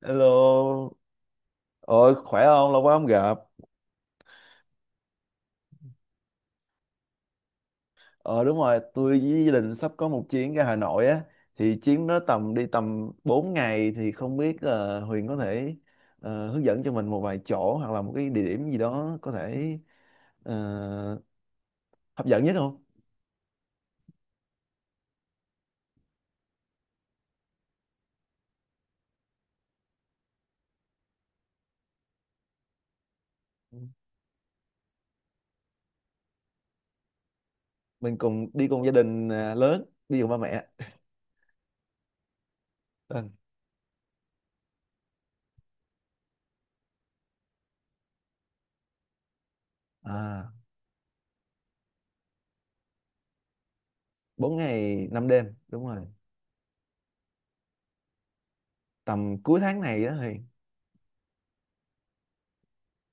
Hello, ờ khỏe không? Lâu quá không gặp. Ờ đúng rồi, tôi với gia đình sắp có một chuyến ra Hà Nội á, thì chuyến đó tầm 4 ngày thì không biết là Huyền có thể hướng dẫn cho mình một vài chỗ hoặc là một cái địa điểm gì đó có thể ờ, hấp dẫn nhất không? Mình cùng đi cùng gia đình à, lớn, đi cùng ba mẹ. Vâng. À, 4 ngày 5 đêm, đúng rồi. Tầm cuối tháng này đó Huyền.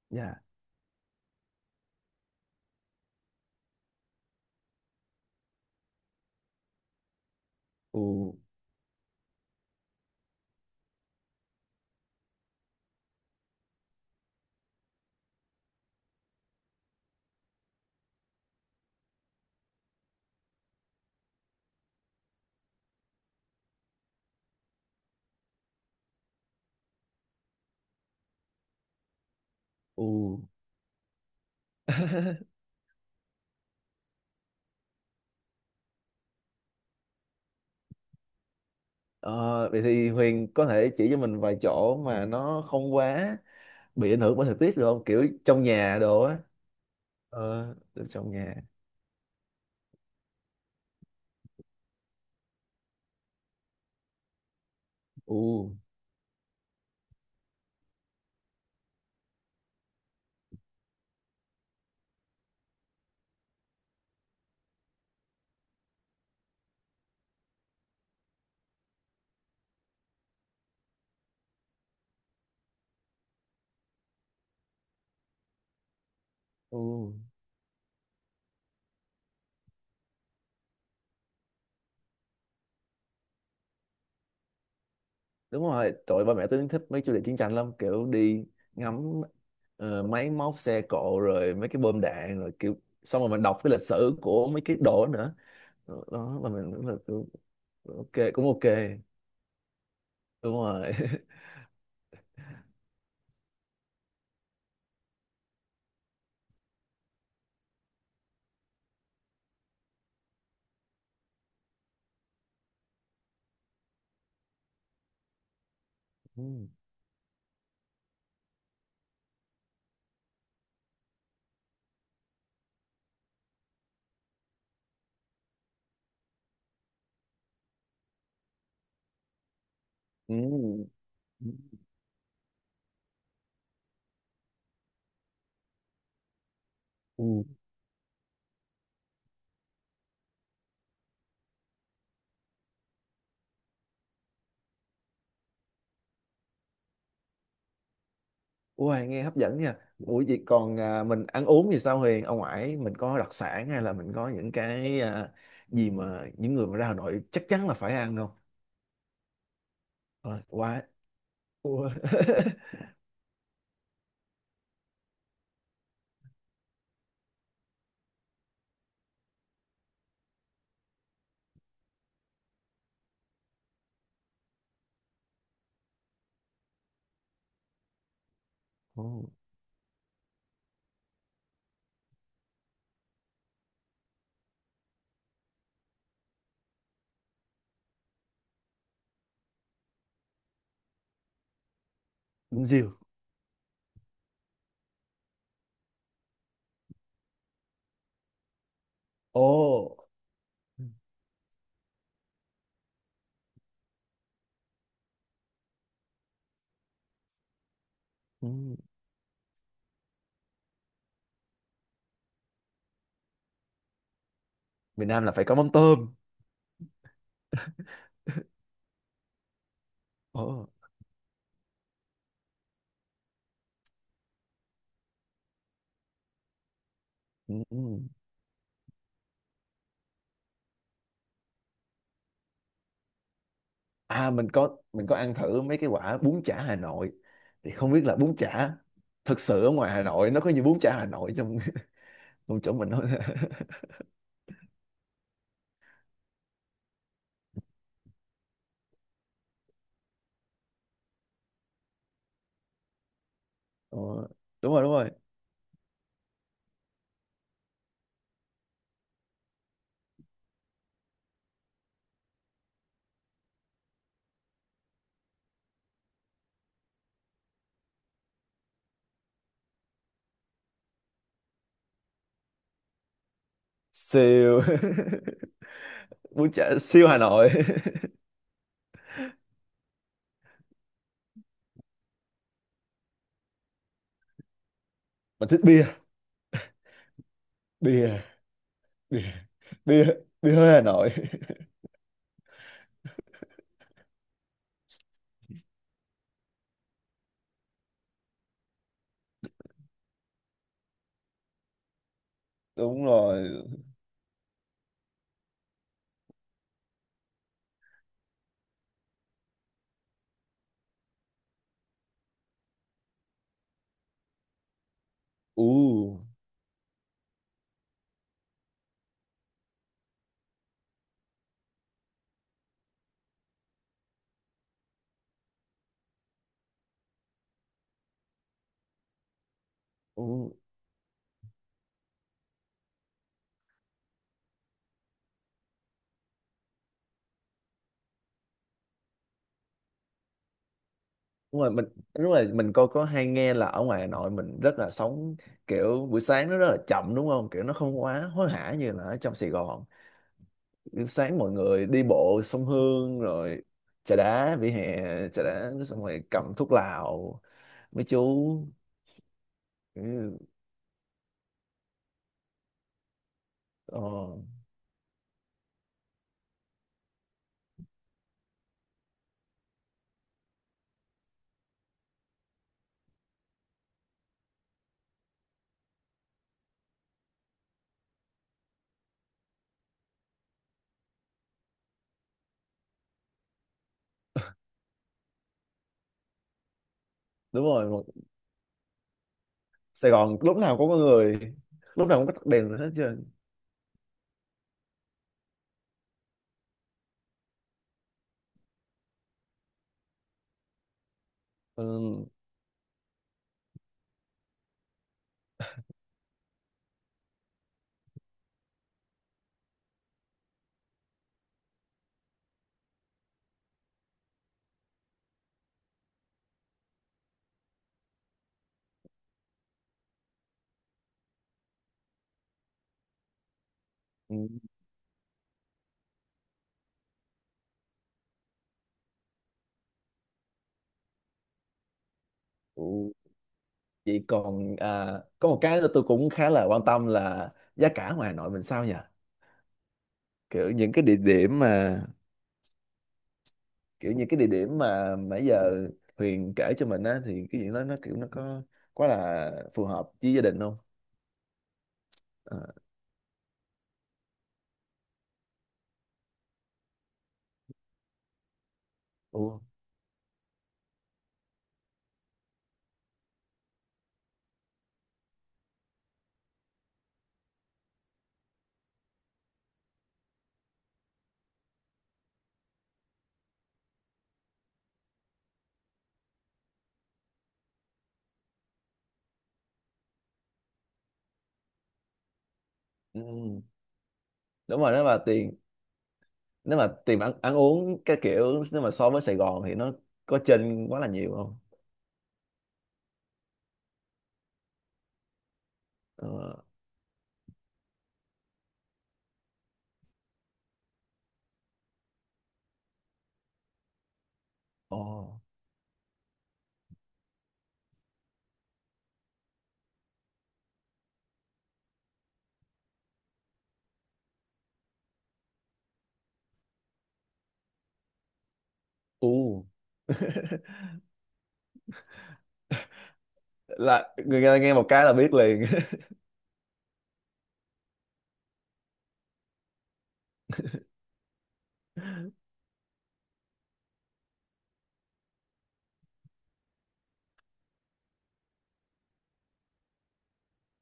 Dạ. Ù, ù. Ờ, vậy thì Huyền có thể chỉ cho mình vài chỗ mà nó không quá bị ảnh hưởng bởi thời tiết được không? Kiểu trong nhà đồ á. Được trong nhà. Ừ, ừ. Đúng rồi, tụi ba mẹ tôi thích mấy chủ đề chiến tranh lắm. Kiểu đi ngắm máy móc xe cộ rồi mấy cái bom đạn rồi kiểu xong rồi mình đọc cái lịch sử của mấy cái đồ đó nữa. Đó, mà mình cũng là kiểu, ok, cũng ok. Đúng rồi. Ừ. Ừ. Ừ. Ui, nghe hấp dẫn nha. Ủa vậy còn à, mình ăn uống thì sao Huyền? Ở ngoài mình có đặc sản hay là mình có những cái à, gì mà những người mà ra Hà Nội chắc chắn là phải ăn không? Rồi, quá. Ủa. Ồ, bún riêu. Ồ. Ừ. Miền Nam là phải có mắm tôm. Ồ. Ừ. Ừ. À, mình có ăn thử mấy cái quả bún chả Hà Nội. Thì không biết là bún chả thực sự ở ngoài Hà Nội nó có như bún chả Hà Nội trong trong chỗ mình không? Ồ. Đúng rồi, đúng rồi. Siêu bún chả siêu Hà Nội. Mình thích bia. Bia, bia, bia, bia hơi Hà Nội. Đúng rồi. U, u, đúng rồi mình đúng rồi mình coi có hay nghe là ở ngoài Hà Nội mình rất là sống, kiểu buổi sáng nó rất là chậm đúng không, kiểu nó không quá hối hả như là ở trong Sài Gòn. Buổi sáng mọi người đi bộ sông Hương rồi trà đá vỉa hè, trà đá xong rồi cầm thuốc lào mấy chú. Ừ, ờ, đúng rồi. Sài Gòn lúc nào cũng có người, lúc nào cũng có tắt đèn hết trơn. Ừ, ừ, ừ. Vậy còn à, có một cái nữa tôi cũng khá là quan tâm là giá cả ngoài Hà Nội mình sao nhỉ, kiểu những cái địa điểm mà kiểu những cái địa điểm mà nãy giờ Huyền kể cho mình á thì cái gì đó nó kiểu nó có quá là phù hợp với gia đình không? À, ừ. Ừ. Đúng rồi, nếu mà tiền ăn ăn uống cái kiểu nếu mà so với Sài Gòn thì nó có chênh quá là nhiều không? Ờ. Ồ. U. Là người ta nghe một cái là biết liền.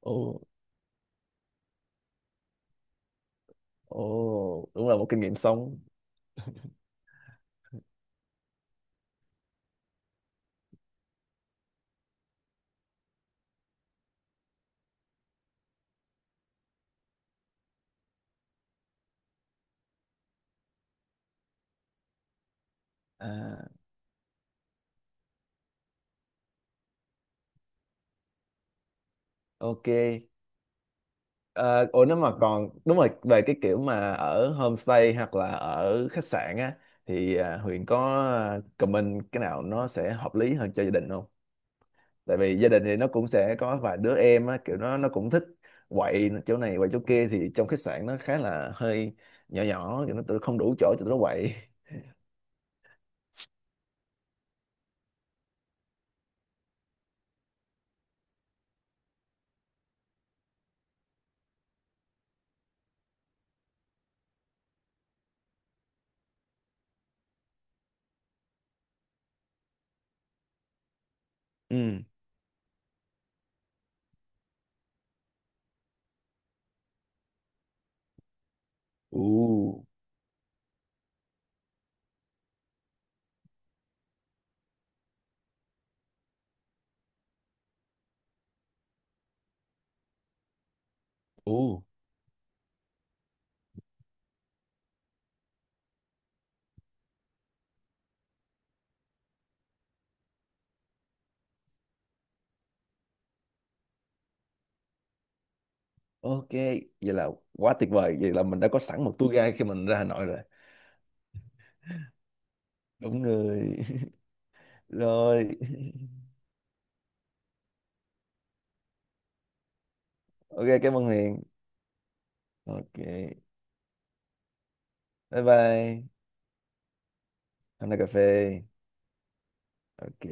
Ồ, ồ, đúng là một kinh nghiệm sống. À, ok. À, ủa nếu mà còn đúng rồi về cái kiểu mà ở homestay hoặc là ở khách sạn á thì à, Huyền có comment cái nào nó sẽ hợp lý hơn cho gia đình không? Tại vì gia đình thì nó cũng sẽ có vài đứa em á, kiểu nó cũng thích quậy chỗ này quậy chỗ kia thì trong khách sạn nó khá là hơi nhỏ nhỏ, kiểu nó tự không đủ chỗ cho tụi nó quậy. Ừ. U. Ồ, ok, vậy là quá tuyệt vời. Vậy là mình đã có sẵn một tour guide khi mình ra Hà Nội rồi. Đúng rồi. Rồi, ok, cảm ơn Huyền. Ok, bye bye. Hôm nay cà phê. Ok.